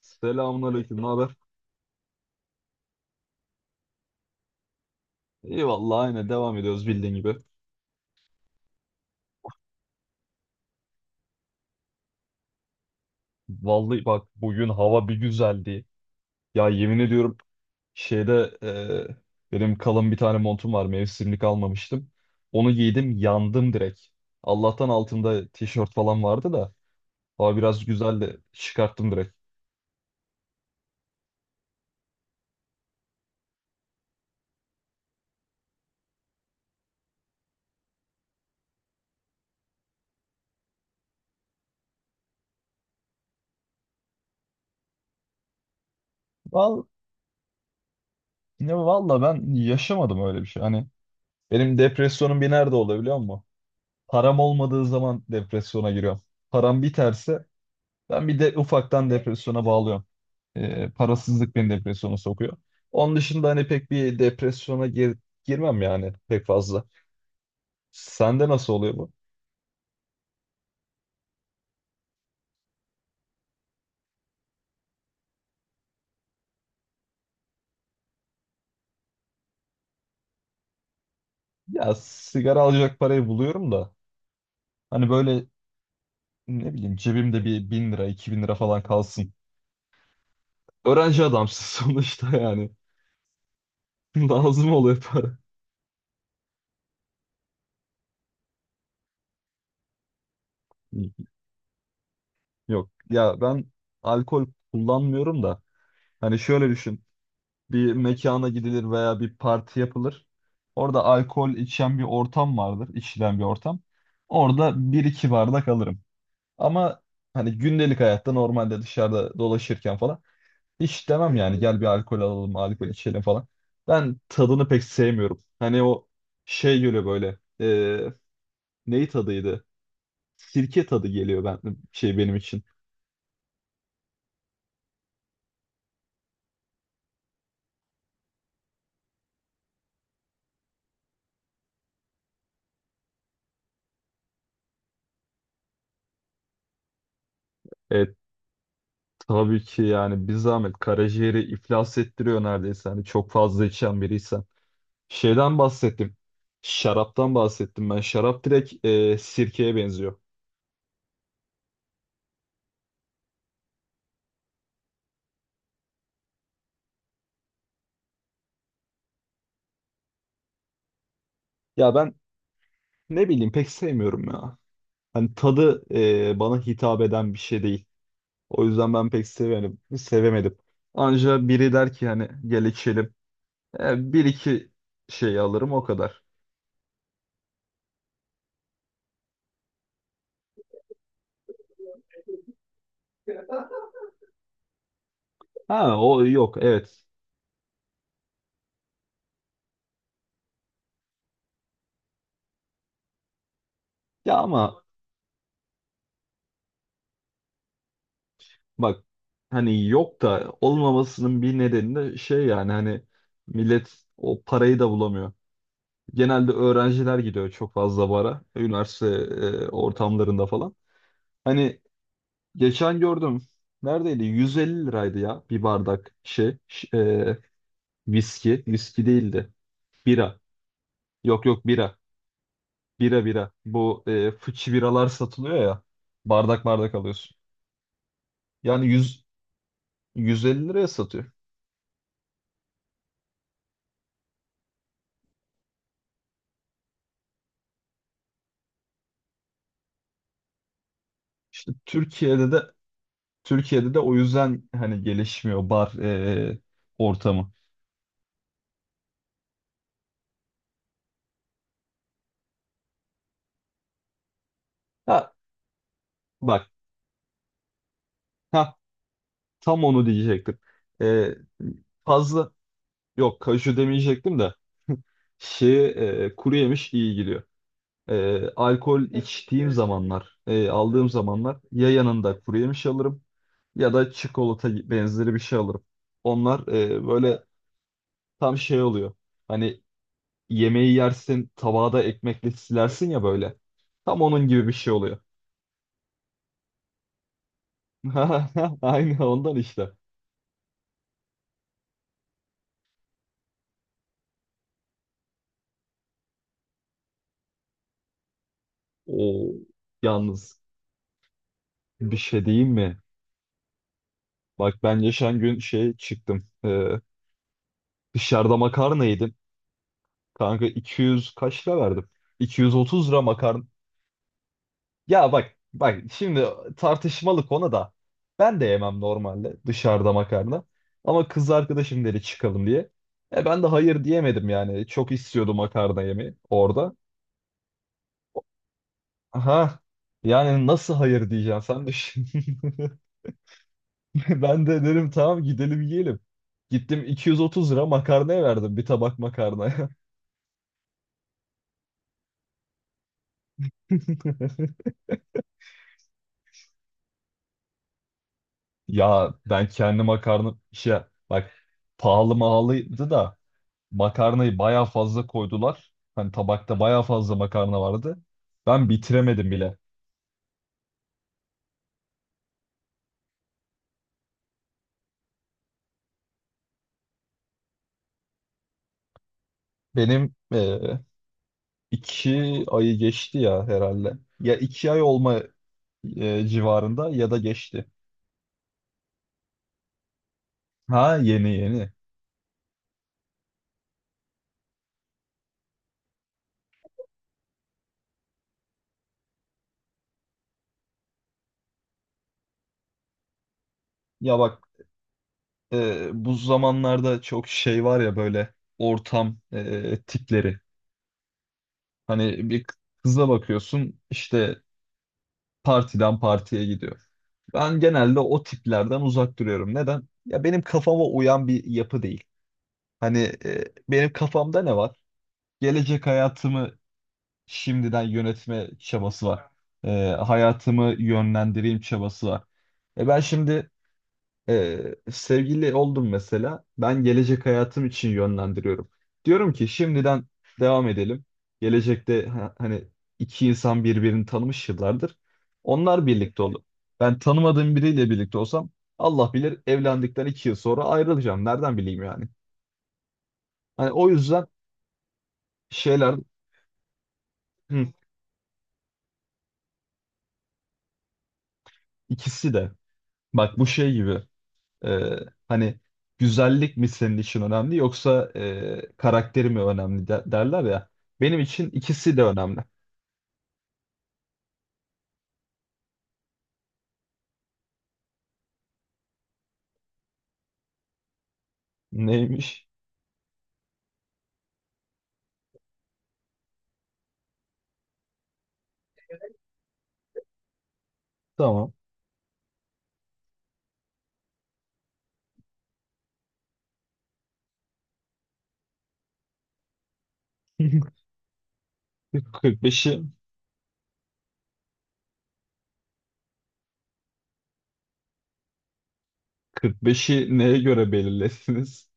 Selamünaleyküm, ne haber? İyi vallahi aynı devam ediyoruz bildiğin gibi. Vallahi bak bugün hava bir güzeldi. Ya yemin ediyorum şeyde benim kalın bir tane montum var mevsimlik almamıştım. Onu giydim yandım direkt. Allah'tan altımda tişört falan vardı da hava biraz güzeldi çıkarttım direkt. Val valla ben yaşamadım öyle bir şey. Hani benim depresyonum bir nerede oluyor biliyor musun? Param olmadığı zaman depresyona giriyorum. Param biterse Ben bir de ufaktan depresyona bağlıyorum. Parasızlık beni depresyona sokuyor. Onun dışında hani pek bir depresyona girmem yani pek fazla. Sende nasıl oluyor bu? Ya sigara alacak parayı buluyorum da hani böyle ne bileyim cebimde bir 1000 lira 2000 lira falan kalsın. Öğrenci adamsın sonuçta yani. Lazım oluyor para. Yok ya ben alkol kullanmıyorum da hani şöyle düşün. Bir mekana gidilir veya bir parti yapılır. Orada alkol içen bir ortam vardır, içilen bir ortam. Orada bir iki bardak alırım. Ama hani gündelik hayatta normalde dışarıda dolaşırken falan hiç demem yani gel bir alkol alalım, alkol içelim falan. Ben tadını pek sevmiyorum. Hani o şey geliyor böyle. Neyi tadıydı? Sirke tadı geliyor ben şey benim için. E, tabii ki yani bir zahmet karaciğeri iflas ettiriyor neredeyse. Hani çok fazla içen biriysen. Şeyden bahsettim. Şaraptan bahsettim ben. Şarap direkt sirkeye benziyor. Ya ben ne bileyim pek sevmiyorum ya. Hani tadı bana hitap eden bir şey değil. O yüzden ben pek sevemedim. Sevemedim. Anca biri der ki hani gel içelim. Bir iki şey alırım o kadar. Ha o yok evet. Ya ama bak hani yok da olmamasının bir nedeni de şey yani hani millet o parayı da bulamıyor. Genelde öğrenciler gidiyor çok fazla bara. Üniversite ortamlarında falan. Hani geçen gördüm. Neredeydi? 150 liraydı ya bir bardak şey. Viski. Viski değildi. Bira. Yok yok bira. Bira bira. Bu fıçı biralar satılıyor ya. Bardak bardak alıyorsun. Yani 100, 150 liraya satıyor. İşte Türkiye'de de o yüzden hani gelişmiyor bar ortamı. Ha bak. Tam onu diyecektim. Ee, Fazla yok kaju demeyecektim de şey kuru yemiş iyi gidiyor. Alkol içtiğim zamanlar, aldığım zamanlar ya yanında kuru yemiş alırım ya da çikolata benzeri bir şey alırım. Onlar böyle tam şey oluyor. Hani yemeği yersin, tabağı da ekmekle silersin ya böyle. Tam onun gibi bir şey oluyor. Aynı ondan işte. O yalnız bir şey diyeyim mi? Bak ben geçen gün şey çıktım. Dışarıda makarna yedim. Kanka 200 kaç lira verdim? 230 lira makarna. Ya bak bak şimdi tartışmalı konu da. Ben de yemem normalde dışarıda makarna. Ama kız arkadaşım dedi çıkalım diye. Ben de hayır diyemedim yani. Çok istiyordum makarna yemeyi orada. Aha. Yani nasıl hayır diyeceksin sen düşün. Ben de dedim tamam gidelim yiyelim. Gittim 230 lira makarnaya verdim bir tabak makarna. Ya ben kendi makarna bak pahalı mahalıydı da makarnayı baya fazla koydular. Hani tabakta baya fazla makarna vardı. Ben bitiremedim bile. Benim 2 ayı geçti ya herhalde. Ya iki ay civarında ya da geçti. Ha yeni yeni. Ya bak bu zamanlarda çok şey var ya böyle ortam tipleri. Hani bir kıza bakıyorsun işte partiden partiye gidiyor. Ben genelde o tiplerden uzak duruyorum. Neden? Ya benim kafama uyan bir yapı değil. Hani benim kafamda ne var? Gelecek hayatımı şimdiden yönetme çabası var. Hayatımı yönlendireyim çabası var. Ben şimdi sevgili oldum mesela. Ben gelecek hayatım için yönlendiriyorum. Diyorum ki şimdiden devam edelim. Gelecekte hani iki insan birbirini tanımış yıllardır. Onlar birlikte olur. Ben tanımadığım biriyle birlikte olsam Allah bilir evlendikten 2 yıl sonra ayrılacağım. Nereden bileyim yani? Hani o yüzden şeyler hı, ikisi de bak bu şey gibi. Ee, Hani güzellik mi senin için önemli yoksa karakteri mi önemli derler ya. Benim için ikisi de önemli. Neymiş? Tamam. 45'i 45'i neye göre belirlesiniz?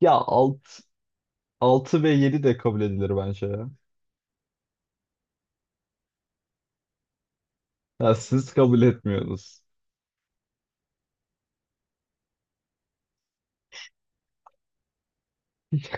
Ya 6 ve 7 de kabul edilir bence ya. Ha, siz kabul etmiyorsunuz.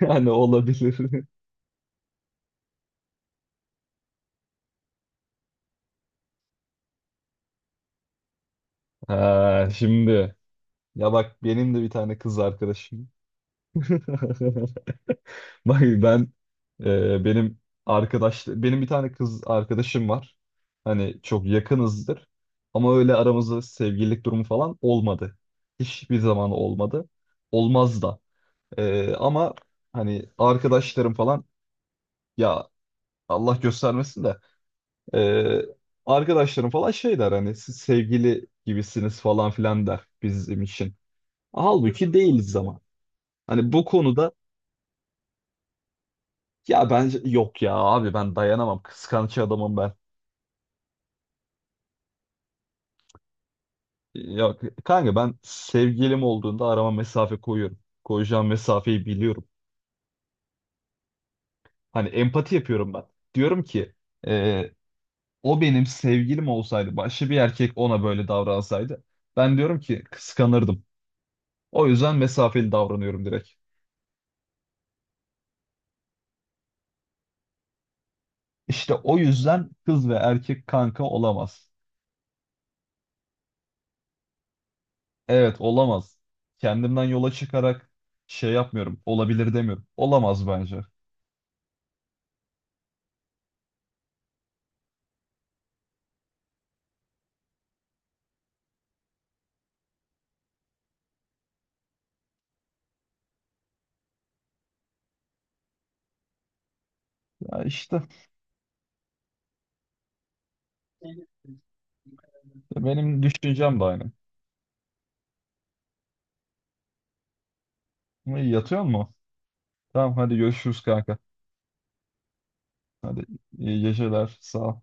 Yani olabilir. Ha, şimdi ya bak benim de bir tane kız arkadaşım. Bak ben e, benim benim bir tane kız arkadaşım var. Hani çok yakınızdır. Ama öyle aramızda sevgililik durumu falan olmadı. Hiçbir zaman olmadı. Olmaz da. Ama hani arkadaşlarım falan ya Allah göstermesin de e, arkadaşlarım falan şey der hani siz sevgili gibisiniz falan filan der bizim için. Halbuki değiliz ama. Hani bu konuda ya bence yok ya abi ben dayanamam. Kıskanç adamım ben. Ya kanka ben sevgilim olduğunda arama mesafe koyuyorum. Koyacağım mesafeyi biliyorum. Hani empati yapıyorum ben. Diyorum ki e, o benim sevgilim olsaydı başka bir erkek ona böyle davransaydı ben diyorum ki kıskanırdım. O yüzden mesafeli davranıyorum direkt. İşte o yüzden kız ve erkek kanka olamaz. Evet olamaz. Kendimden yola çıkarak şey yapmıyorum. Olabilir demiyorum. Olamaz bence. Ya işte benim düşüncem de aynı. Yatıyor mu? Tamam hadi görüşürüz kanka. Hadi iyi geceler. Sağ ol.